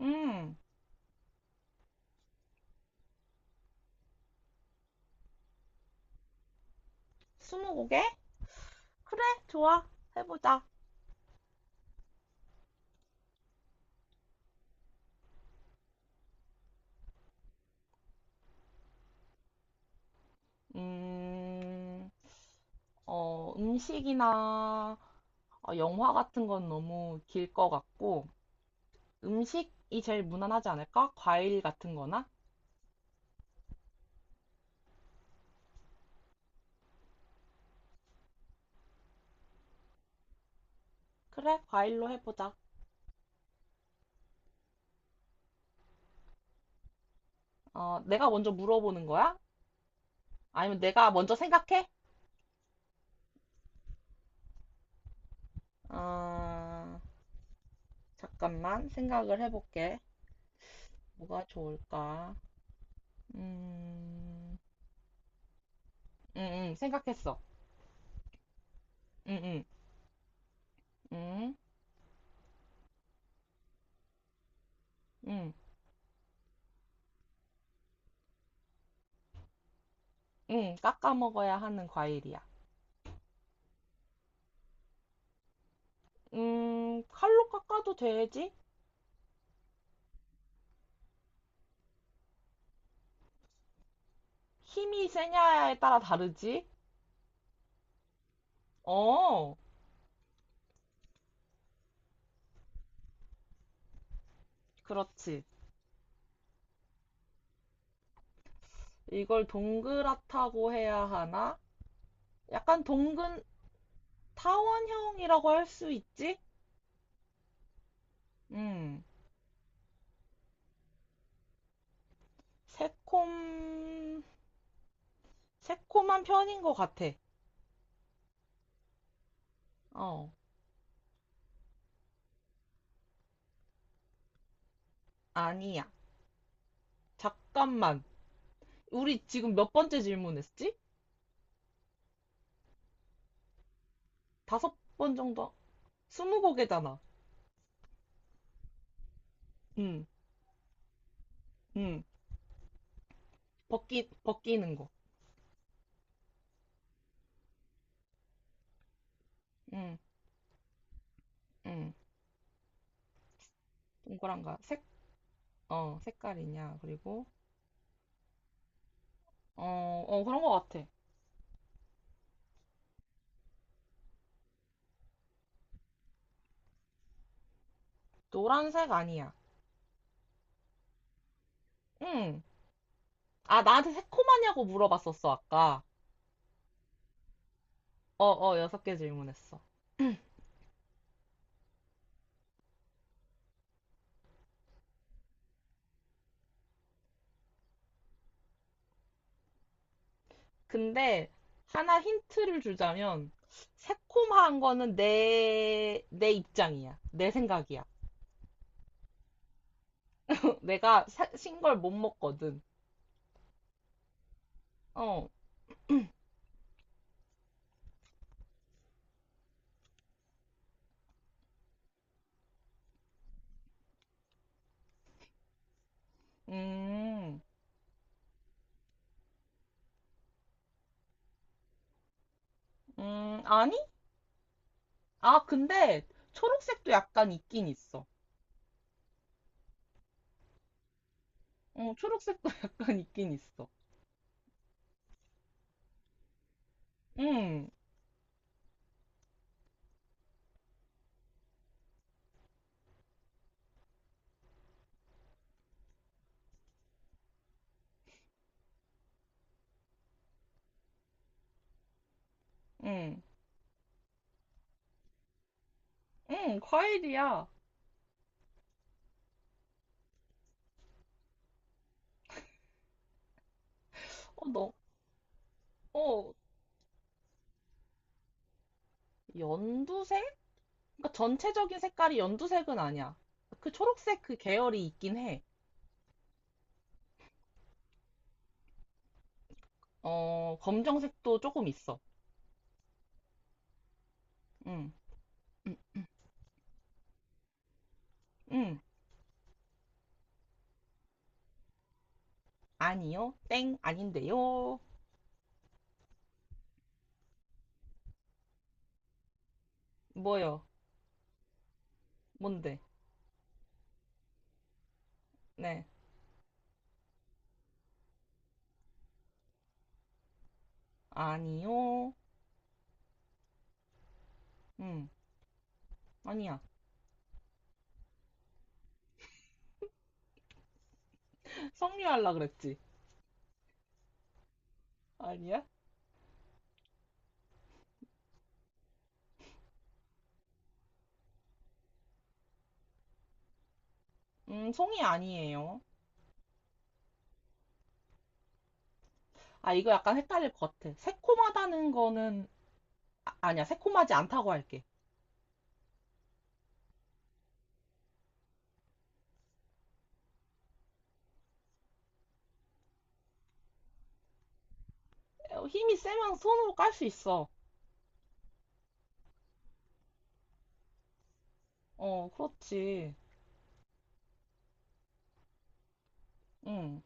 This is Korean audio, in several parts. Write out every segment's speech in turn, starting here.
음, 스무고개? 그래, 좋아. 해보자. 음, 음식이나 영화 같은 건 너무 길 것 같고, 음식이 제일 무난하지 않을까? 과일 같은 거나? 그래, 과일로 해보자. 어, 내가 먼저 물어보는 거야? 아니면 내가 먼저 생각해? 어, 잠깐만, 생각을 해볼게. 뭐가 좋을까? 음, 응응 생각했어. 응응 음, 응 응. 응, 깎아 먹어야 하는 과일이야. 칼로 깎아도 되지? 힘이 세냐에 따라 다르지? 어, 그렇지. 이걸 동그랗다고 해야 하나? 약간 타원형이라고 할 수 있지? 음, 새콤, 새콤한 편인 것 같아. 어, 아니야. 잠깐만. 우리 지금 몇 번째 질문했지? 다섯 번 정도? 스무 곡이잖아. 음, 음. 벗기는 거. 음. 응, 동그란가? 색깔이냐? 그리고, 어, 어, 그런 것 같아. 노란색 아니야. 응. 아, 나한테 새콤하냐고 물어봤었어, 아까. 어, 어, 여섯 개 질문했어. 근데, 하나 힌트를 주자면, 새콤한 거는 내 입장이야. 내 생각이야. 내가 신걸 못 먹거든. 어, 음, 아니? 아, 근데, 초록색도 약간 있긴 있어. 어, 초록색도 약간 있긴 있어. 음. 응, 응, 과일이야. 어, 너, 어, 연두색? 그러니까 전체적인 색깔이 연두색은 아니야. 그 초록색 그 계열이 있긴 해. 어, 검정색도 조금 있어. 응, 응, 응. 아니요. 땡, 아닌데요. 뭐요? 뭔데? 네. 아니요. 응, 아니야. 성류할라 그랬지. 아니야? 송이 아니에요. 아, 이거 약간 헷갈릴 것 같아. 새콤하다는 거는, 아, 아니야. 새콤하지 않다고 할게. 어, 힘이 세면 손으로 깔 수 있어. 어, 그렇지. 응,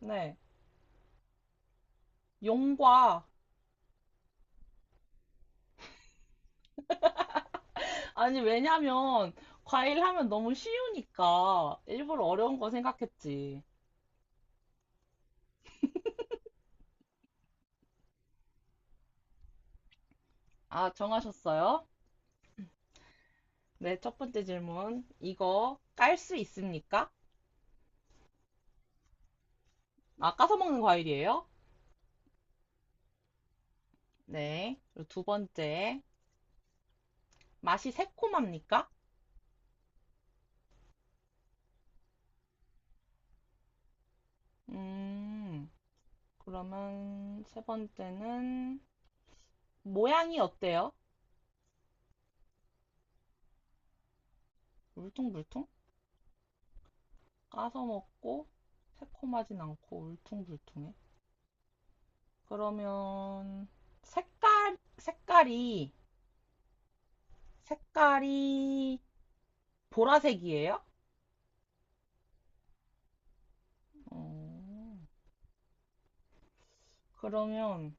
네. 용과. 아니, 왜냐면, 과일 하면 너무 쉬우니까, 일부러 어려운 거 생각했지. 아, 정하셨어요? 네, 첫 번째 질문. 이거 깔 수 있습니까? 아, 까서 먹는 과일이에요? 네. 그리고 두 번째. 맛이 새콤합니까? 음, 그러면 세 번째는, 모양이 어때요? 물퉁물퉁? 까서 먹고 새콤하진 않고 울퉁불퉁해. 그러면 색깔 색깔이 색깔이 보라색이에요? 어, 그러면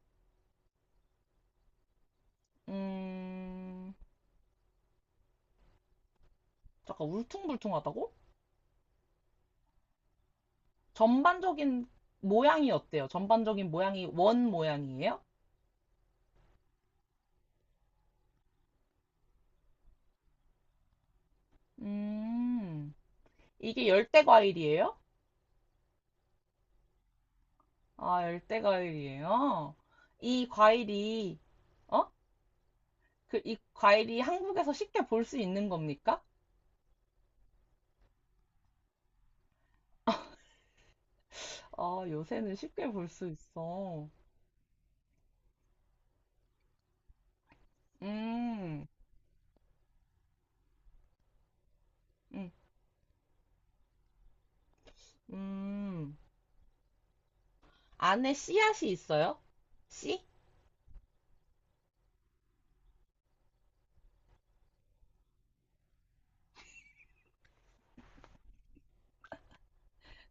음 잠깐 울퉁불퉁하다고? 전반적인 모양이 어때요? 전반적인 모양이 원 모양이에요? 음 이게 열대 과일이에요? 아 열대 과일이에요? 이 과일이 어? 그, 이 과일이 한국에서 쉽게 볼 수 있는 겁니까? 아, 요새는 쉽게 볼 수 있어. 음, 음, 음. 안에 씨앗이 있어요? 씨?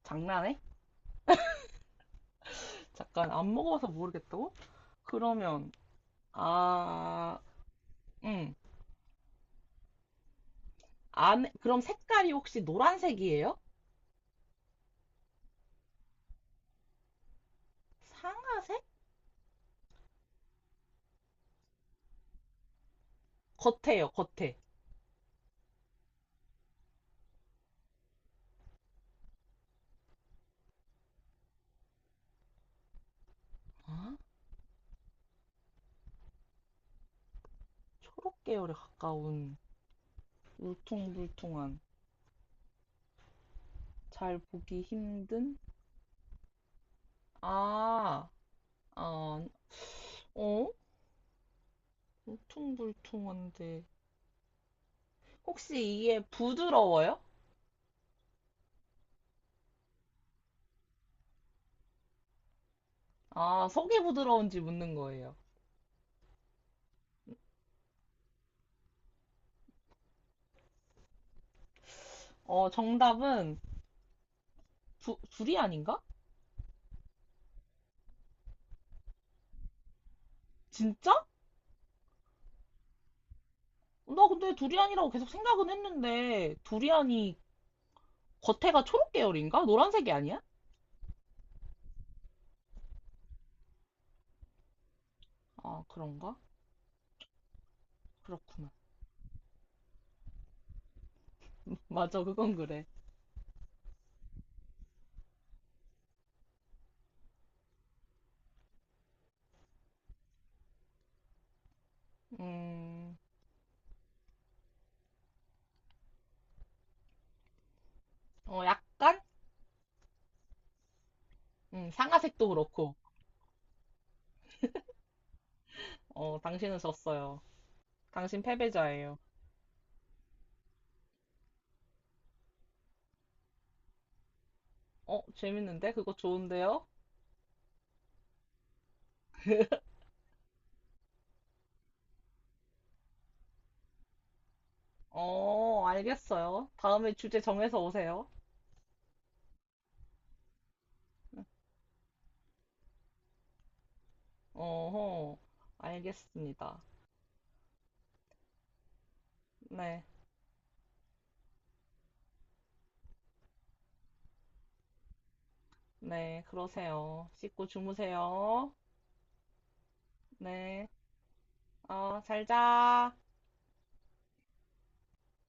장난해? 잠깐, 안 먹어봐서 모르겠다고? 그러면, 아, 음. 그럼 색깔이 혹시 노란색이에요? 상아색? 겉에요, 겉에. 아, 초록 계열에 가까운, 울퉁불퉁한, 잘 보기 힘든? 아, 어, 어? 울퉁불퉁한데 혹시 이게 부드러워요? 아, 속이 부드러운지 묻는 거예요. 어, 정답은 두리안인가? 진짜? 나 근데 두리안이라고 계속 생각은 했는데 두리안이 겉에가 초록 계열인가? 노란색이 아니야? 아, 그런가? 그렇구나. 맞아, 그건 그래. 음, 어, 약간? 상아색도 그렇고. 어, 당신은 졌어요. 당신 패배자예요. 어, 재밌는데? 그거 좋은데요? 어, 알겠어요. 다음에 주제 정해서 오세요. 어허, 알겠습니다. 네, 네, 그러세요. 씻고 주무세요. 네, 어, 잘 자.